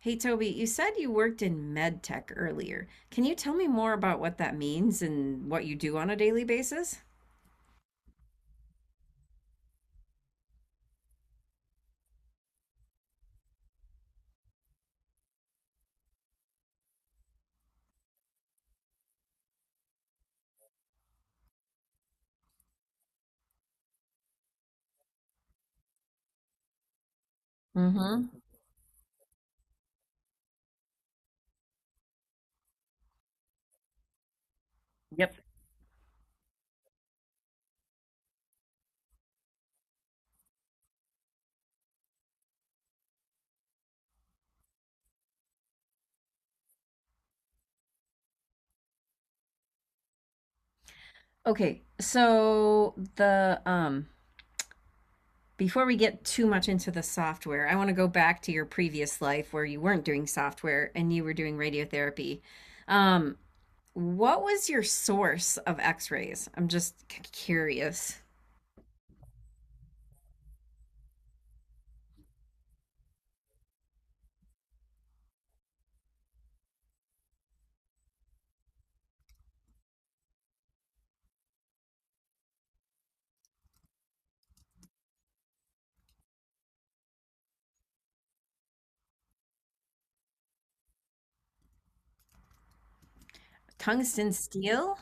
Hey Toby, you said you worked in med tech earlier. Can you tell me more about what that means and what you do on a daily basis? Mm-hmm. Yep. Okay, so the Before we get too much into the software, I want to go back to your previous life where you weren't doing software and you were doing radiotherapy. Um, what was your source of X-rays? I'm curious. Tungsten steel?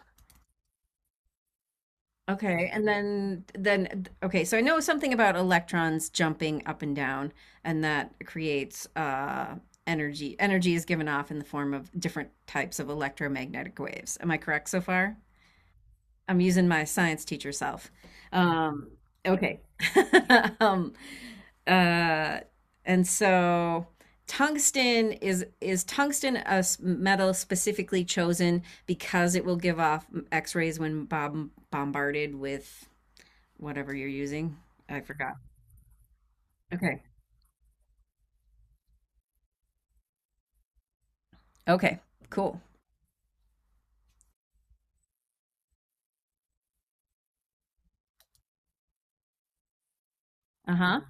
Okay, and then okay, so I know something about electrons jumping up and down, and that creates energy. Energy is given off in the form of different types of electromagnetic waves. Am I correct so far? I'm using my science teacher self. Um, okay. Um, uh, and so tungsten is tungsten a s- metal specifically chosen because it will give off X-rays when bombarded with whatever you're using. I forgot. Okay. Okay. Cool. Uh huh.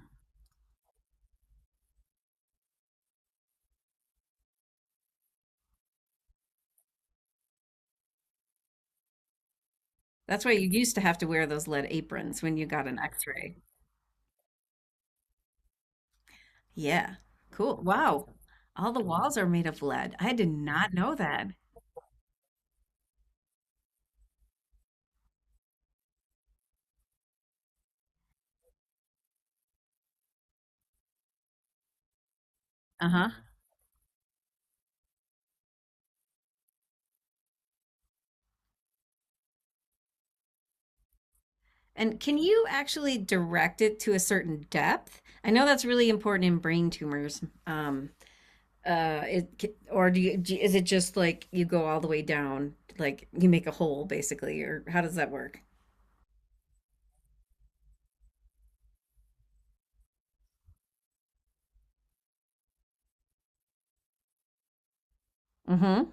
That's why you used to have to wear those lead aprons when you got an x-ray. Yeah. Cool. Wow. All the walls are made of lead. I did not know that. Uh-huh. And can you actually direct it to a certain depth? I know that's really important in brain tumors. It or do you, do is it just like you go all the way down, like you make a hole basically, or how does that work? Mm-hmm.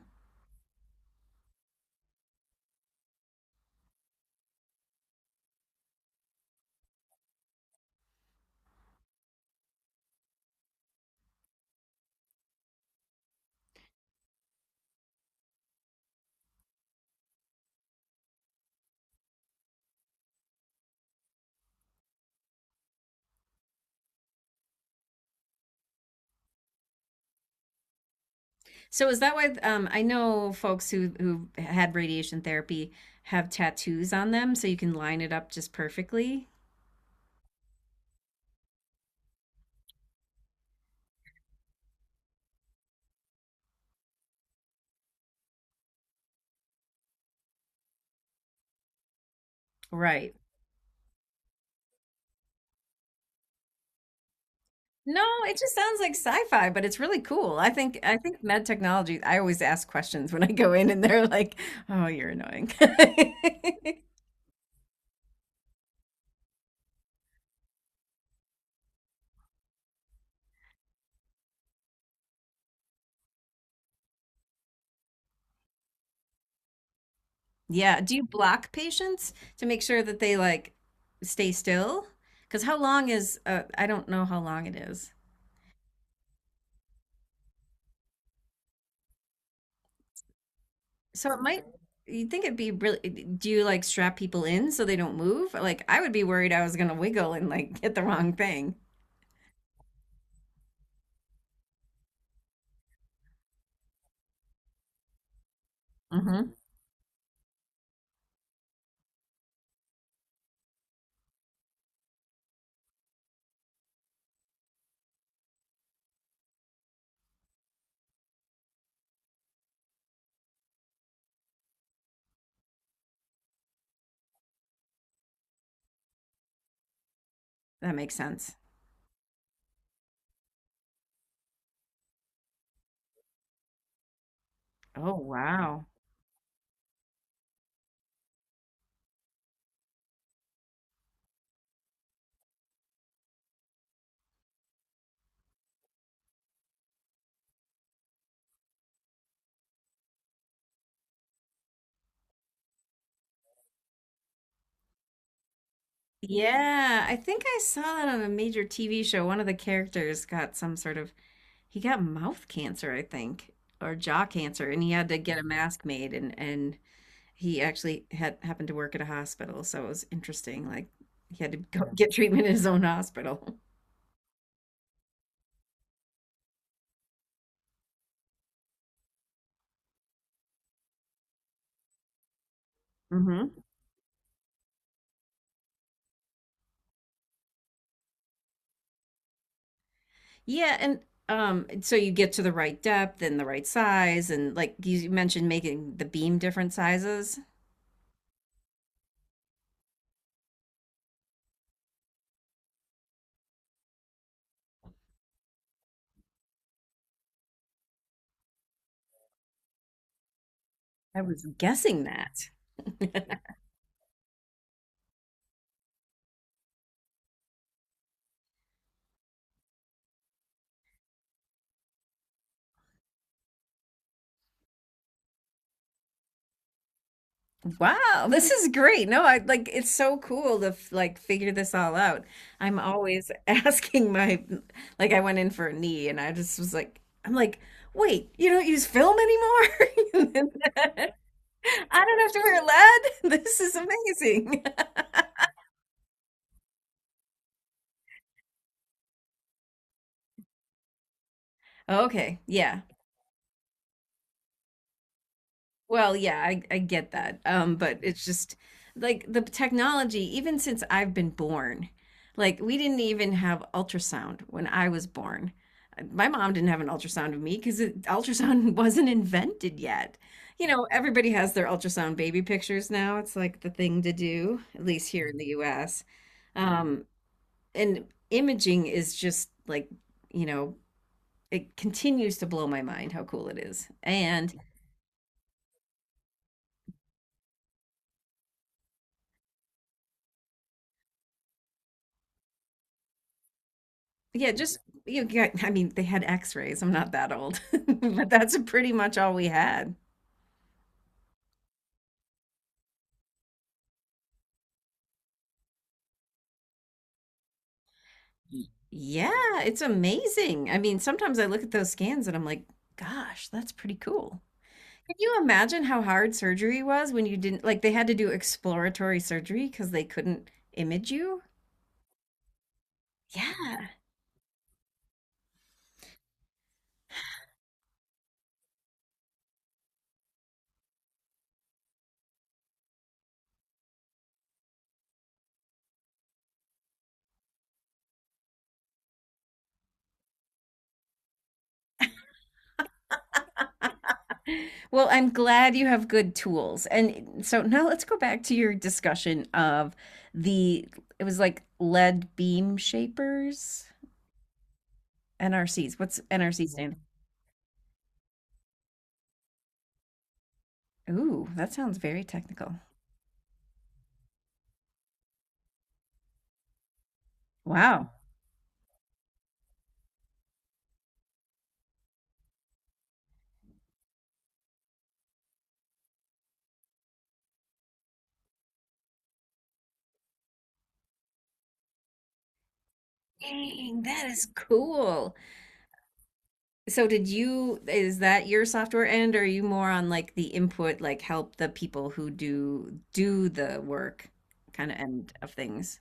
So is that why I know folks who had radiation therapy have tattoos on them so you can line it up just perfectly? Right. No, it just sounds like sci-fi, but it's really cool. I think med technology, I always ask questions when I go in and they're like, "Oh, you're annoying." Yeah, do you block patients to make sure that they like stay still? Because how long is I don't know how long it is. So it might, You'd think it'd be really, do you like strap people in so they don't move? Like I would be worried I was gonna wiggle and like hit the wrong thing. Mm-hmm. That makes sense. Oh, wow. Yeah, I think I saw that on a major TV show. One of the characters got some sort of, He got mouth cancer, I think, or jaw cancer, and he had to get a mask made and he actually had happened to work at a hospital, so it was interesting. Like he had to go get treatment in his own hospital. Hmm. Yeah, and so you get to the right depth and the right size, and like you mentioned, making the beam different sizes. I was guessing that. Wow, this is great. No, I like it's so cool to like figure this all out. I'm always asking my like I went in for a knee and I just was like I'm like, "Wait, you don't use film anymore?" I don't have to wear lead. This is amazing. Okay, yeah. Well, yeah, I get that. But it's just like the technology, even since I've been born, like we didn't even have ultrasound when I was born. My mom didn't have an ultrasound of me because ultrasound wasn't invented yet. You know, everybody has their ultrasound baby pictures now. It's like the thing to do, at least here in the US. Um, and imaging is just like, you know, it continues to blow my mind how cool it is. And yeah, just you get, I mean, they had x-rays. I'm not that old, but that's pretty much all we had. Yeah, it's amazing. I mean, sometimes I look at those scans and I'm like, gosh, that's pretty cool. Can you imagine how hard surgery was when you didn't, like, they had to do exploratory surgery because they couldn't image you? Yeah. Well, I'm glad you have good tools. And so now let's go back to your discussion of the, it was like lead beam shapers. NRCs. What's NRC stand? Ooh, that sounds very technical. Wow. Dang, that is cool. So did you is that your software end or are you more on like the input, like help the people who do the work kind of end of things?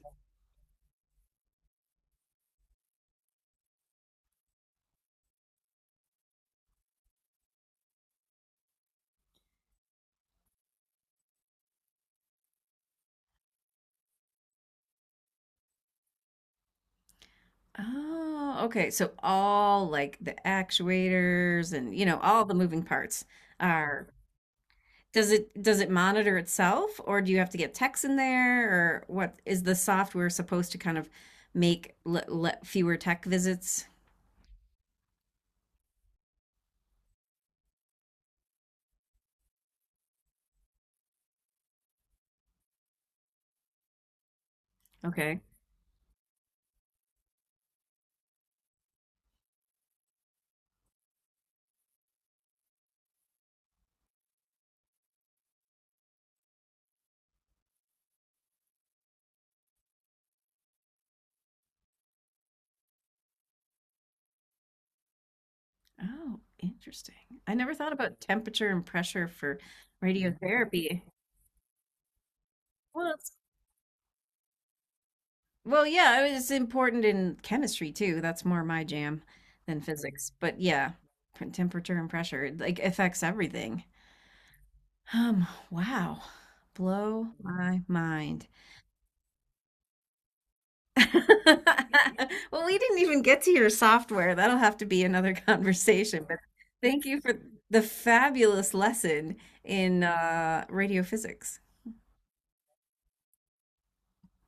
Oh, okay. So all like the actuators and you know, all the moving parts are. Does it monitor itself, or do you have to get text in there, or what is the software supposed to kind of make fewer tech visits? Okay. Oh, interesting. I never thought about temperature and pressure for radiotherapy. Well, it's, well, yeah, I mean, it's important in chemistry too. That's more my jam than physics. But yeah, temperature and pressure it, like affects everything. Wow. Blow my mind. Well, we didn't even get to your software. That'll have to be another conversation. But thank you for the fabulous lesson in radio physics.